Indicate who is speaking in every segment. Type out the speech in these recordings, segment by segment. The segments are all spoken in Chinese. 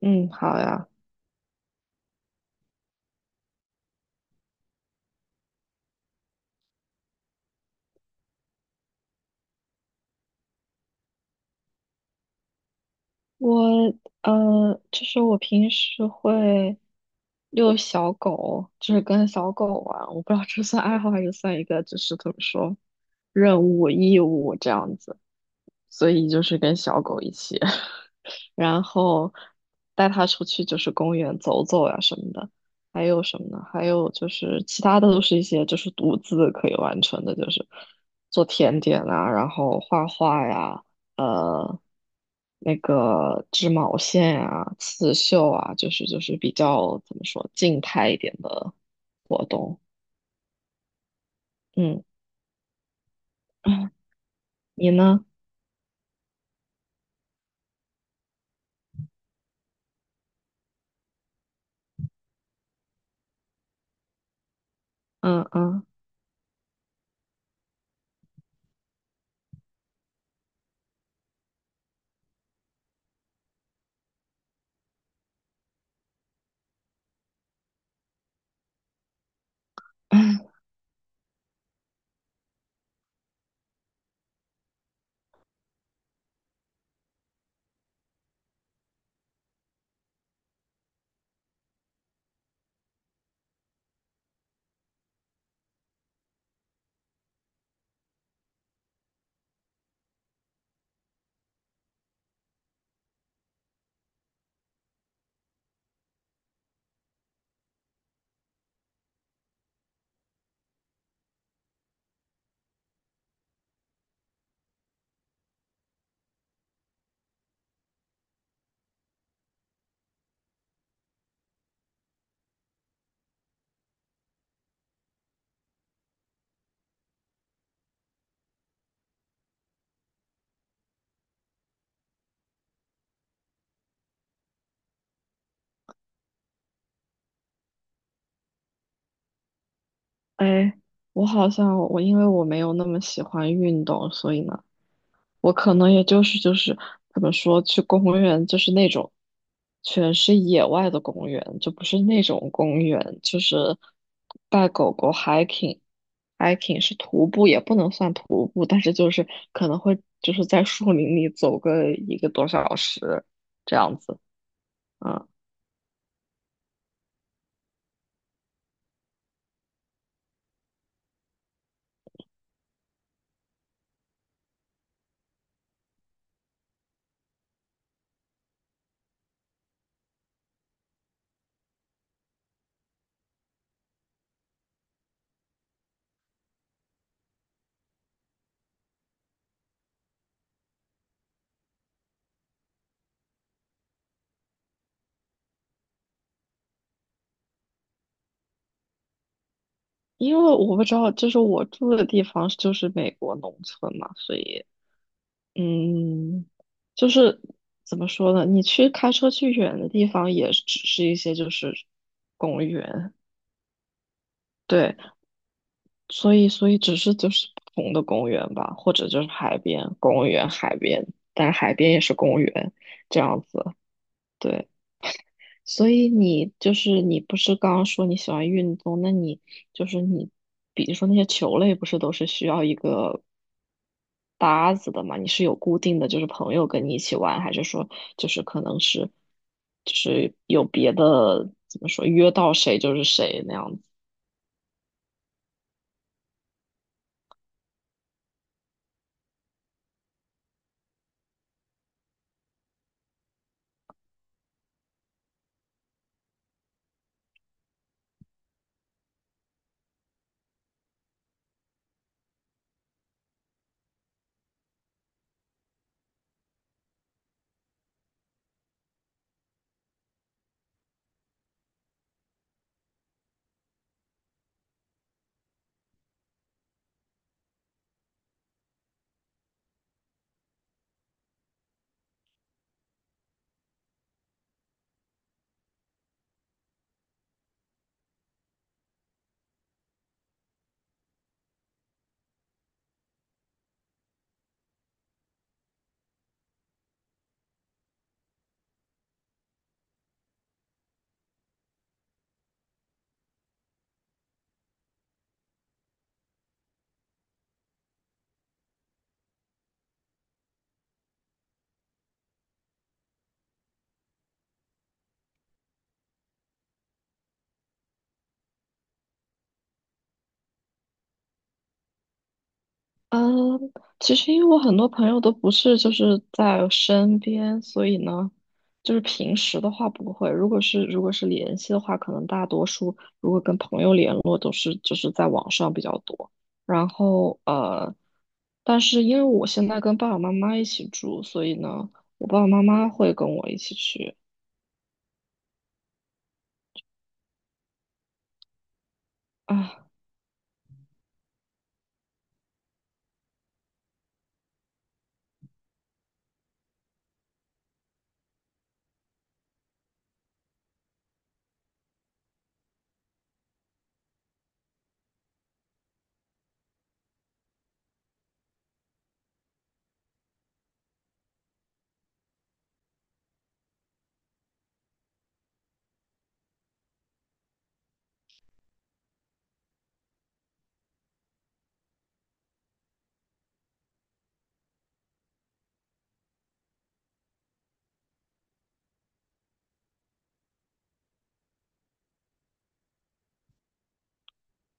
Speaker 1: 嗯，好呀。我就是我平时会遛小狗，就是跟小狗玩。我不知道这算爱好还是算一个，就是怎么说，任务义务这样子。所以就是跟小狗一起。然后带他出去就是公园走走呀、什么的，还有什么呢？还有就是其他的都是一些就是独自可以完成的，就是做甜点啊，然后画画呀，呃，那个织毛线啊、刺绣啊，就是比较怎么说静态一点的活动。嗯，你呢？嗯嗯，哎，我好像我因为我没有那么喜欢运动，所以呢。我可能也就是怎么说，去公园就是那种全是野外的公园，就不是那种公园，就是带狗狗 hiking。hiking 是徒步，也不能算徒步，但是就是可能会就是在树林里走个一个多小时这样子。嗯，因为我不知道，就是我住的地方就是美国农村嘛，所以。嗯，就是怎么说呢？你去开车去远的地方，也只是一些就是公园，对，所以只是就是不同的公园吧，或者就是海边公园、海边，但海边也是公园这样子，对。所以你就是你不是刚刚说你喜欢运动，那你就是你，比如说那些球类，不是都是需要一个搭子的嘛？你是有固定的就是朋友跟你一起玩，还是说就是可能是就是有别的怎么说约到谁就是谁那样子？嗯，其实因为我很多朋友都不是就是在身边，所以呢，就是平时的话不会。如果是联系的话，可能大多数如果跟朋友联络都是就是在网上比较多。然后但是因为我现在跟爸爸妈妈一起住，所以呢，我爸爸妈妈会跟我一起去啊。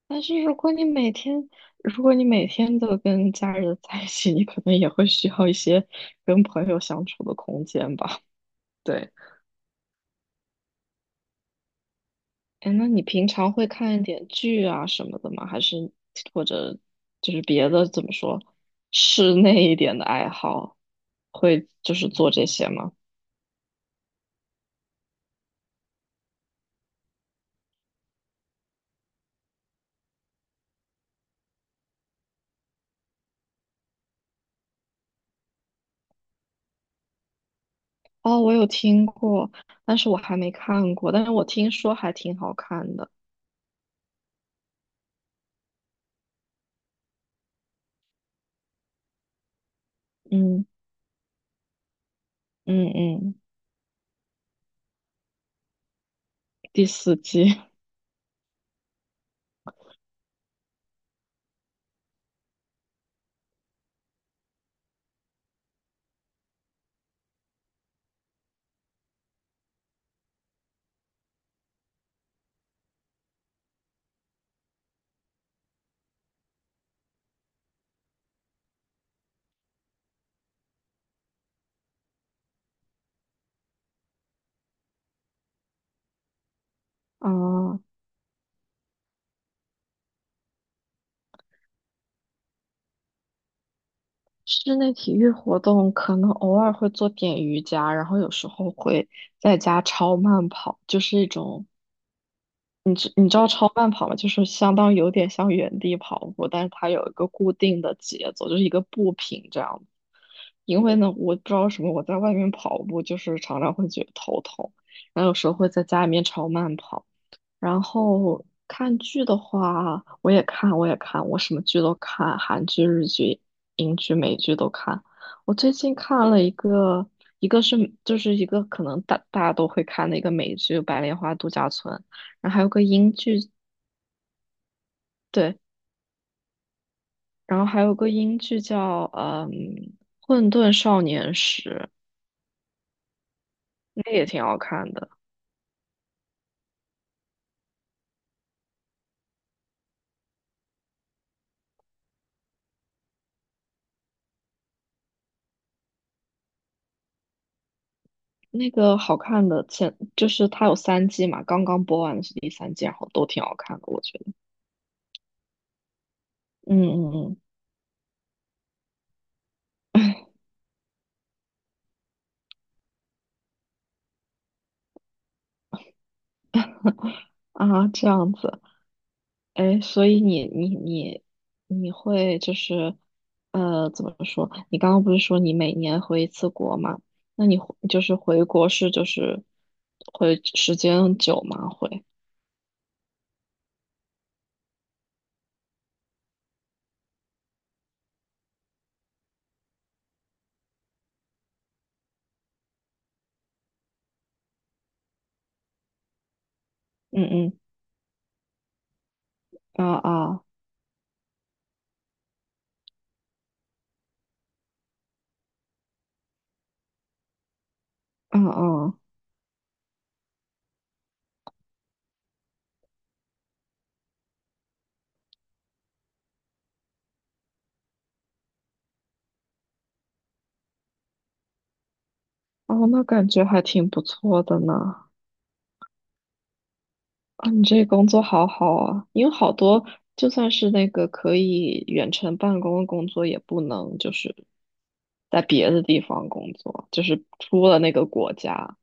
Speaker 1: 但是如果你每天如果你每天都跟家人在一起，你可能也会需要一些跟朋友相处的空间吧。对，哎，那你平常会看一点剧啊什么的吗？还是或者就是别的怎么说，室内一点的爱好，会就是做这些吗？哦，我有听过，但是我还没看过，但是我听说还挺好看的。嗯嗯嗯，第四季啊 室内体育活动可能偶尔会做点瑜伽，然后有时候会在家超慢跑，就是一种你知你知道超慢跑吗？就是相当于有点像原地跑步，但是它有一个固定的节奏，就是一个步频这样。因为呢，我不知道为什么我在外面跑步，就是常常会觉得头痛，然后有时候会在家里面超慢跑。然后看剧的话，我也看,我什么剧都看，韩剧、日剧、英剧、美剧都看。我最近看了一个，一个是就是一个可能大家都会看的一个美剧《白莲花度假村》。然后还有个英剧对，然后还有个英剧叫嗯《混沌少年时》，那个也挺好看的。那个好看的前就是它有三季嘛，刚刚播完的是第三季，然后都挺好看的，我觉得。嗯嗯嗯 啊，这样子，哎，所以你会就是怎么说？你刚刚不是说你每年回一次国嘛？那你回就是回国是就是回时间久吗？嗯嗯啊啊。嗯嗯，哦，那感觉还挺不错的呢。啊，你这工作好好啊，因为好多就算是那个可以远程办公的工作，也不能就是在别的地方工作，就是出了那个国家。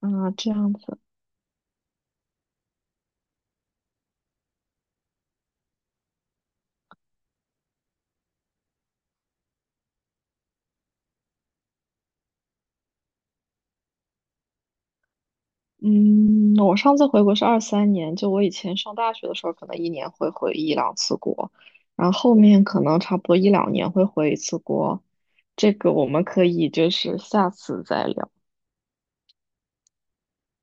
Speaker 1: 啊，这样子。嗯，我上次回国是23年，就我以前上大学的时候，可能一年会回一两次国，然后后面可能差不多一两年会回一次国。这个我们可以就是下次再聊。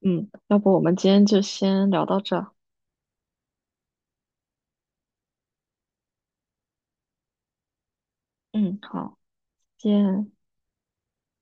Speaker 1: 嗯，要不我们今天就先聊到这儿嗯，好，见。